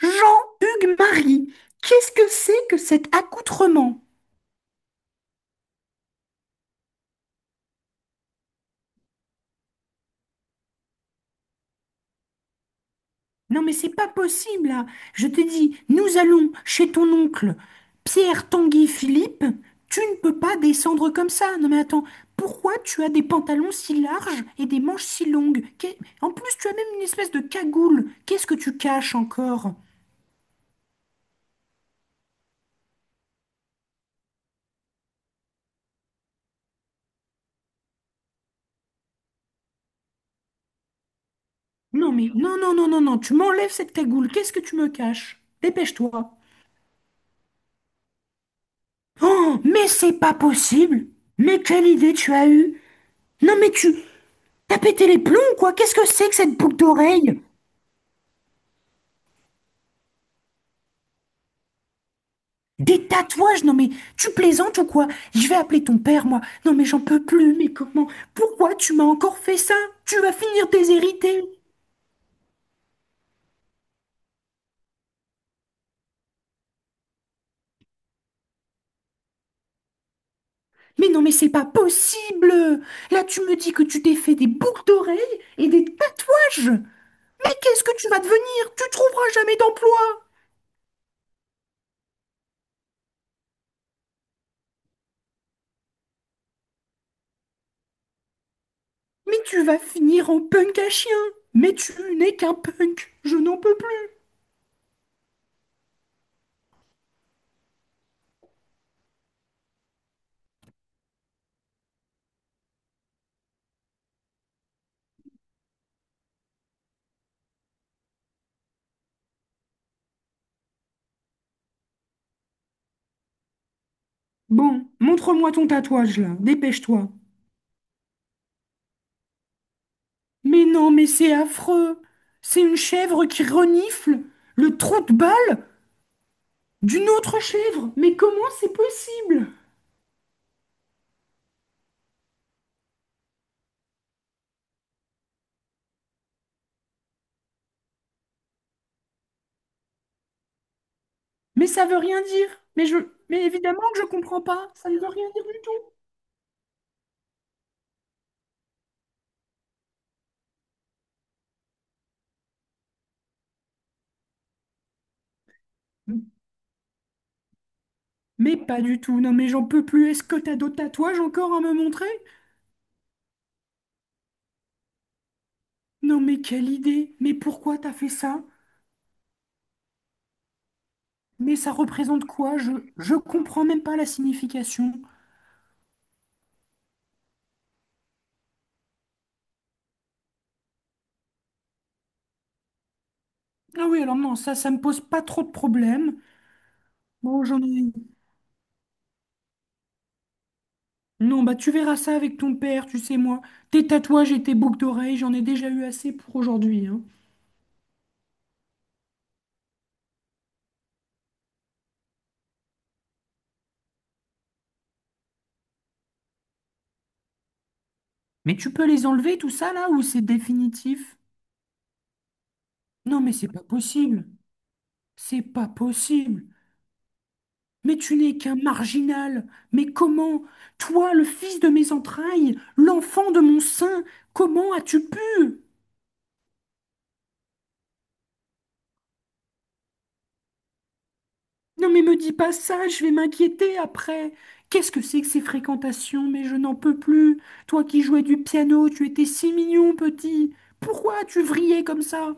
Jean-Hugues Marie, qu'est-ce que c'est que cet accoutrement? Non mais c'est pas possible là. Je te dis, nous allons chez ton oncle Pierre Tanguy Philippe. Tu ne peux pas descendre comme ça. Non mais attends, pourquoi tu as des pantalons si larges et des manches si longues? En plus, tu as même une espèce de cagoule. Qu'est-ce que tu caches encore? Non mais non non non non non, tu m'enlèves cette cagoule. Qu'est-ce que tu me caches? Dépêche-toi. Oh, mais c'est pas possible! Mais quelle idée tu as eue? Non mais tu... T'as pété les plombs, ou quoi? Qu'est-ce que c'est que cette boucle d'oreille? Des tatouages? Non mais tu plaisantes ou quoi? Je vais appeler ton père, moi. Non mais j'en peux plus, mais comment? Pourquoi tu m'as encore fait ça? Tu vas finir déshéritée. Mais non mais c'est pas possible! Là tu me dis que tu t'es fait des boucles d'oreilles et des tatouages! Mais qu'est-ce que tu vas devenir? Tu trouveras jamais d'emploi! Mais tu vas finir en punk à chien! Mais tu n'es qu'un punk! Je n'en peux plus! Bon, montre-moi ton tatouage là, dépêche-toi. Mais non, mais c'est affreux. C'est une chèvre qui renifle le trou de balle d'une autre chèvre. Mais comment c'est possible? Mais ça veut rien dire. Mais je, mais évidemment que je comprends pas. Ça ne veut rien dire du tout. Mais pas du tout. Non, mais j'en peux plus. Est-ce que t'as d'autres tatouages encore à me montrer? Non, mais quelle idée. Mais pourquoi t'as fait ça? Mais ça représente quoi? Je comprends même pas la signification. Ah oui, alors non, ça me pose pas trop de problèmes. Bon, j'en ai. Non, bah tu verras ça avec ton père, tu sais, moi. Tes tatouages et tes boucles d'oreilles, j'en ai déjà eu assez pour aujourd'hui, hein. Mais tu peux les enlever, tout ça, là, ou c'est définitif? Non, mais c'est pas possible. C'est pas possible. Mais tu n'es qu'un marginal. Mais comment? Toi, le fils de mes entrailles, l'enfant de mon sein, comment as-tu pu? Non mais me dis pas ça, je vais m'inquiéter après. Qu'est-ce que c'est que ces fréquentations? Mais je n'en peux plus. Toi qui jouais du piano, tu étais si mignon, petit. Pourquoi tu vrillais comme ça?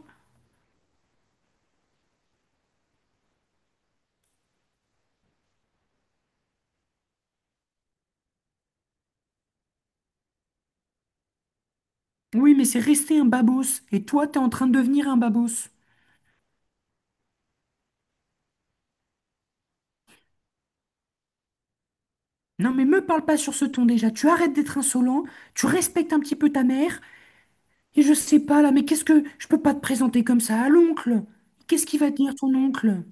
Oui, mais c'est resté un babos, et toi t'es en train de devenir un babos. Non mais me parle pas sur ce ton déjà, tu arrêtes d'être insolent, tu respectes un petit peu ta mère, et je sais pas là, mais Je peux pas te présenter comme ça à l'oncle. Qu'est-ce qu'il va dire ton oncle?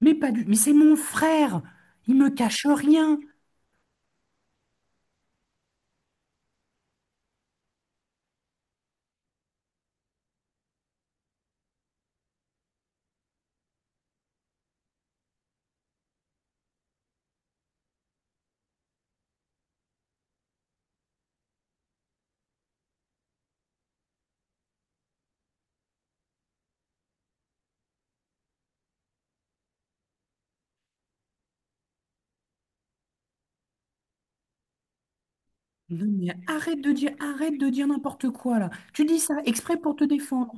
Mais pas du... Mais c'est mon frère, il me cache rien. Non, mais arrête de dire n'importe quoi là. Tu dis ça exprès pour te défendre.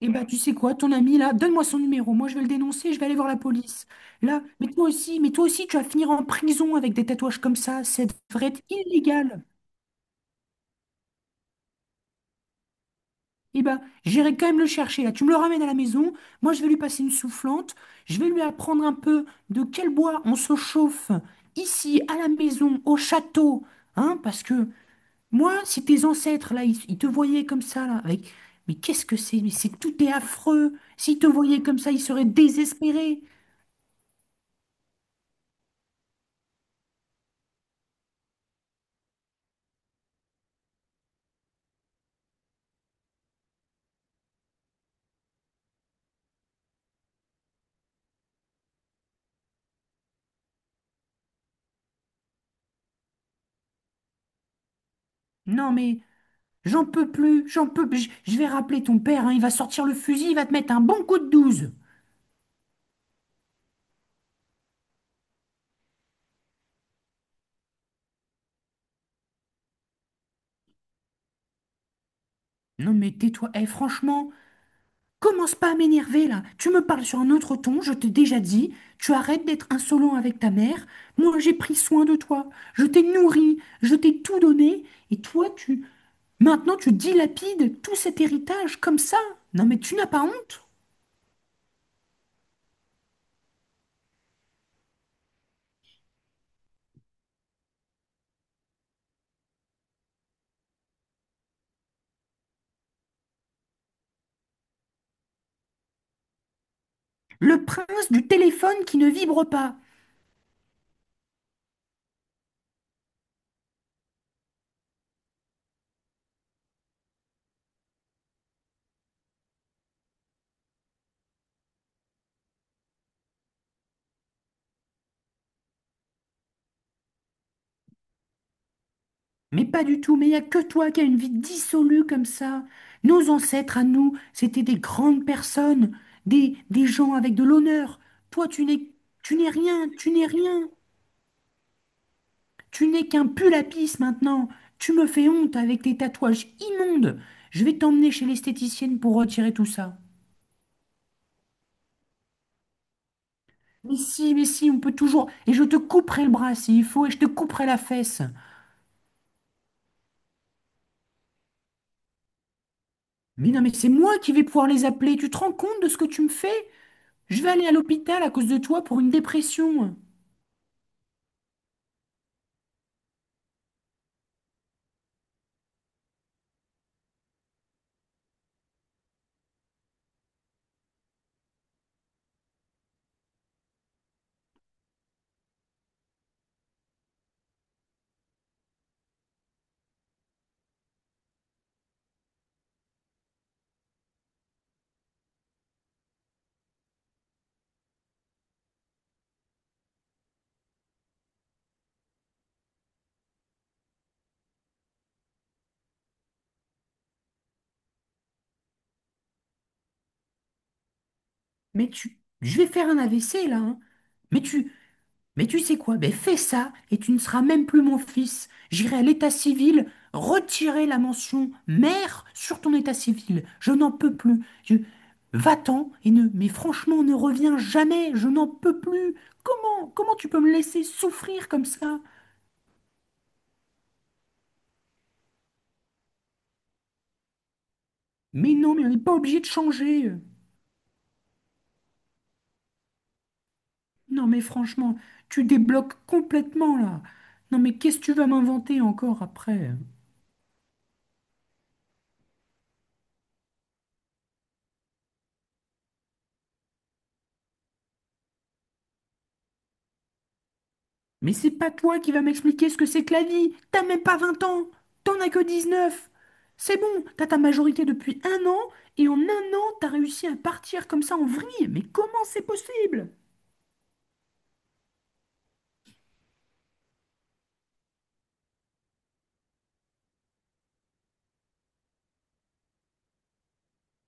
Et bah tu sais quoi, ton ami là, donne-moi son numéro. Moi, je vais le dénoncer, je vais aller voir la police. Là, mais toi aussi, tu vas finir en prison avec des tatouages comme ça. Ça devrait être illégal. Et bah j'irai quand même le chercher là. Tu me le ramènes à la maison. Moi, je vais lui passer une soufflante. Je vais lui apprendre un peu de quel bois on se chauffe ici, à la maison, au château, hein, parce que moi, si tes ancêtres, là, ils te voyaient comme ça, là, avec... Mais qu'est-ce que c'est? Mais c'est tout est affreux. S'ils te voyaient comme ça, ils seraient désespérés. Non, mais j'en peux plus. Je vais rappeler ton père, hein, il va sortir le fusil, il va te mettre un bon coup de douze. Non, mais tais-toi. Eh, franchement, commence pas à m'énerver là. Tu me parles sur un autre ton, je t'ai déjà dit. Tu arrêtes d'être insolent avec ta mère. Moi, j'ai pris soin de toi. Je t'ai nourri, je t'ai tout donné. Et toi, tu... Maintenant, tu dilapides tout cet héritage comme ça. Non, mais tu n'as pas honte? Le prince du téléphone qui ne vibre pas. Mais pas du tout, mais il n'y a que toi qui as une vie dissolue comme ça. Nos ancêtres à nous, c'était des grandes personnes, des gens avec de l'honneur. Toi, tu n'es, tu n'es rien, tu n'es rien. Tu n'es qu'un pull à pisse maintenant. Tu me fais honte avec tes tatouages immondes. Je vais t'emmener chez l'esthéticienne pour retirer tout ça. Mais si, on peut toujours. Et je te couperai le bras s'il faut, et je te couperai la fesse. Mais non, mais c'est moi qui vais pouvoir les appeler. Tu te rends compte de ce que tu me fais? Je vais aller à l'hôpital à cause de toi pour une dépression. Mais tu. Je vais faire un AVC là, hein. Mais tu. Mais tu sais quoi? Ben fais ça et tu ne seras même plus mon fils. J'irai à l'état civil retirer la mention mère sur ton état civil. Je n'en peux plus. Je... Va-t'en et ne. Mais franchement, ne reviens jamais. Je n'en peux plus. Comment? Comment tu peux me laisser souffrir comme ça? Mais non, mais on n'est pas obligé de changer. Non, mais franchement, tu débloques complètement là. Non, mais qu'est-ce que tu vas m'inventer encore après? Mais c'est pas toi qui vas m'expliquer ce que c'est que la vie. T'as même pas 20 ans. T'en as que 19. C'est bon, t'as ta majorité depuis un an et en un an, t'as réussi à partir comme ça en vrille. Mais comment c'est possible?